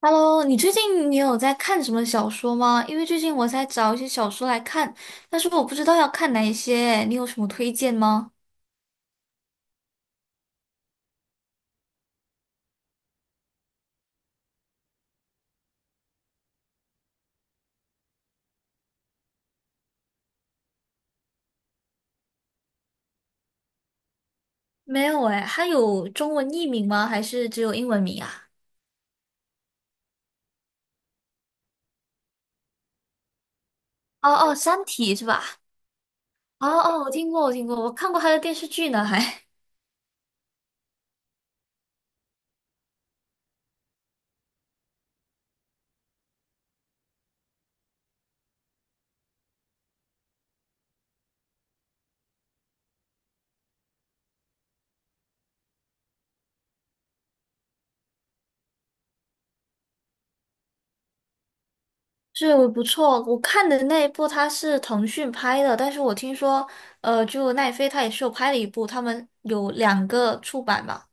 Hello，你最近有在看什么小说吗？因为最近我在找一些小说来看，但是我不知道要看哪一些，你有什么推荐吗？没有哎，它有中文译名吗？还是只有英文名啊？哦哦，《三体》是吧？哦哦，我听过，我听过，我看过它的电视剧呢，还 是，我不错。我看的那一部它是腾讯拍的，但是我听说，就奈飞它也是有拍了一部，他们有两个出版嘛。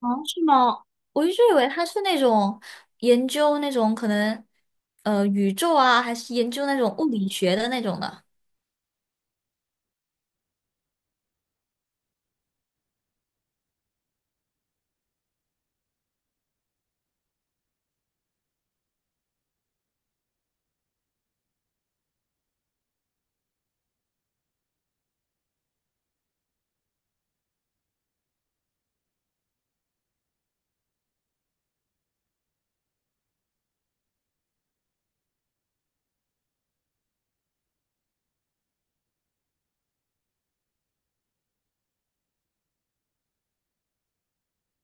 哦，是吗？我一直以为他是那种研究那种可能，宇宙啊，还是研究那种物理学的那种的。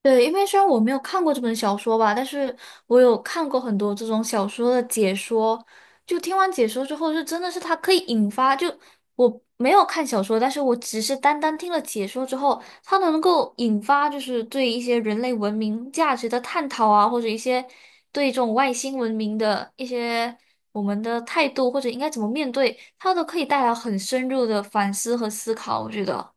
对，因为虽然我没有看过这本小说吧，但是我有看过很多这种小说的解说。就听完解说之后，就真的是它可以引发，就我没有看小说，但是我只是单单听了解说之后，它能够引发就是对一些人类文明价值的探讨啊，或者一些对这种外星文明的一些我们的态度，或者应该怎么面对，它都可以带来很深入的反思和思考，我觉得。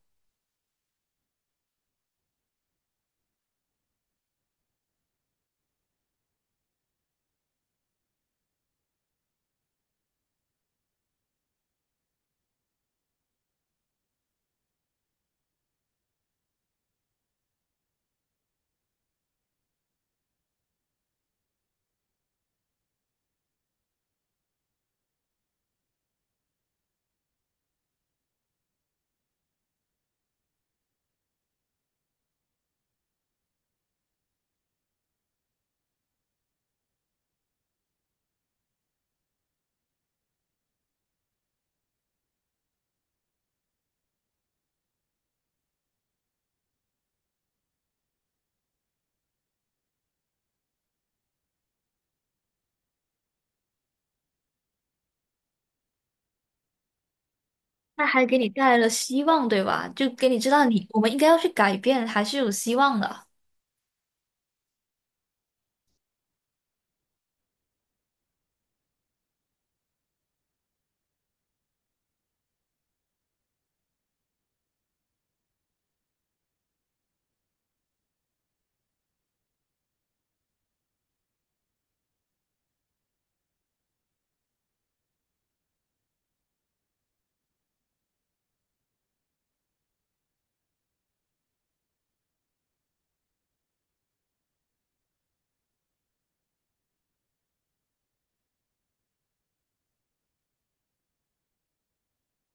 那还给你带来了希望，对吧？就给你知道你我们应该要去改变，还是有希望的。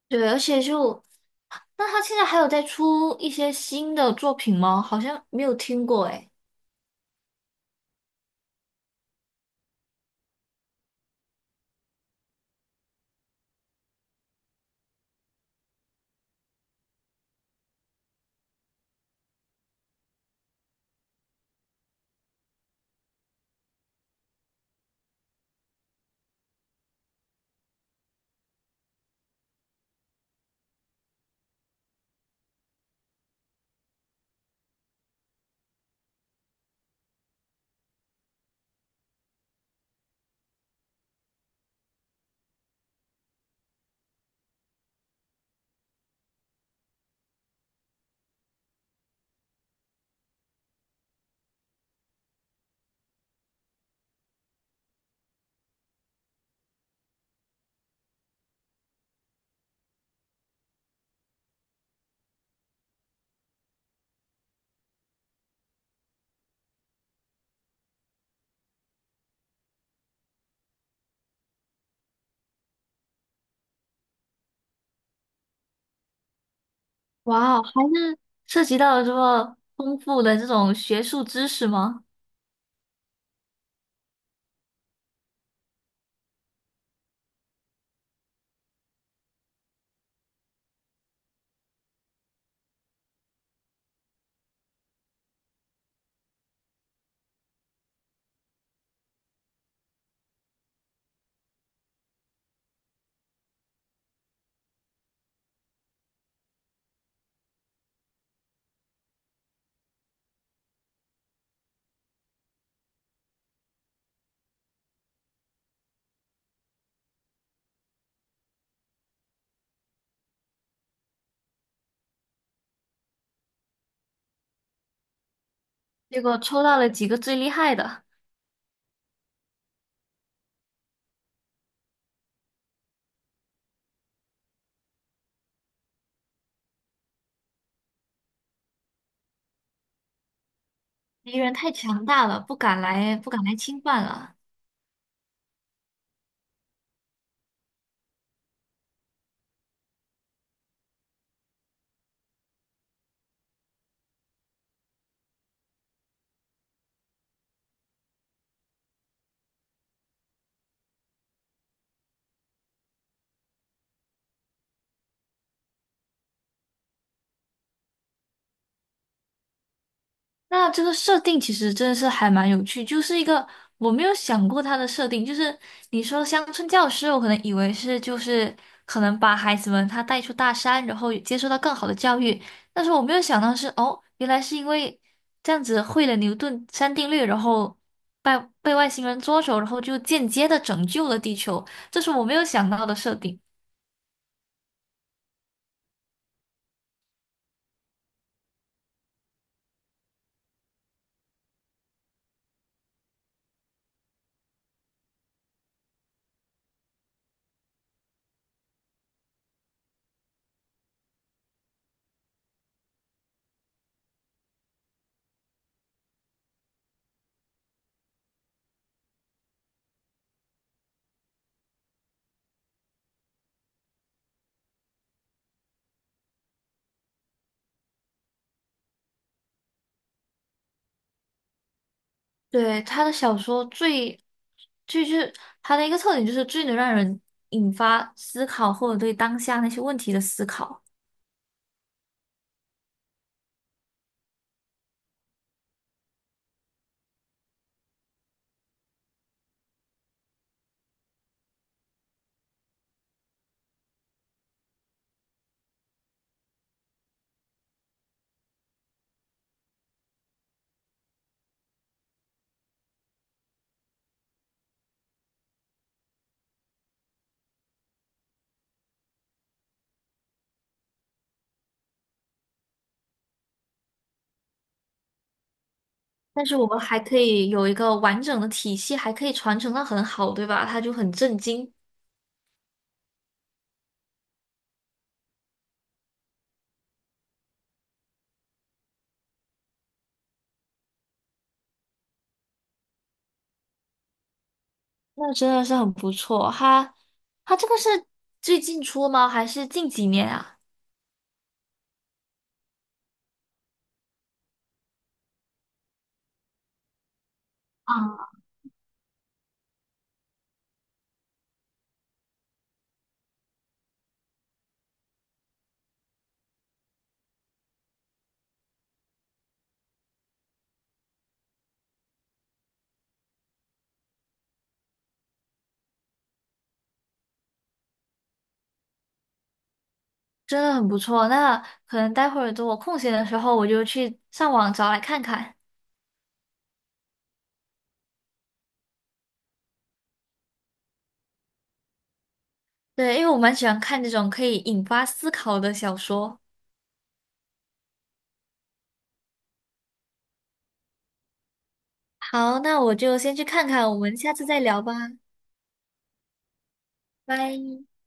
对，而且就，那他现在还有在出一些新的作品吗？好像没有听过诶。哇哦，还是涉及到了这么丰富的这种学术知识吗？结果抽到了几个最厉害的，敌人太强大了，不敢来，不敢来侵犯了。那这个设定其实真的是还蛮有趣，就是一个我没有想过它的设定，就是你说乡村教师，我可能以为是就是可能把孩子们他带出大山，然后接受到更好的教育，但是我没有想到是哦，原来是因为这样子会了牛顿三定律，然后被被外星人捉走，然后就间接的拯救了地球，这是我没有想到的设定。对，他的小说最，就是他的一个特点就是最能让人引发思考或者对当下那些问题的思考。但是我们还可以有一个完整的体系，还可以传承的很好，对吧？他就很震惊，那真的是很不错。他这个是最近出吗？还是近几年啊？啊，真的很不错。那可能待会儿等我空闲的时候，我就去上网找来看看。对，因为我蛮喜欢看这种可以引发思考的小说。好，那我就先去看看，我们下次再聊吧，拜。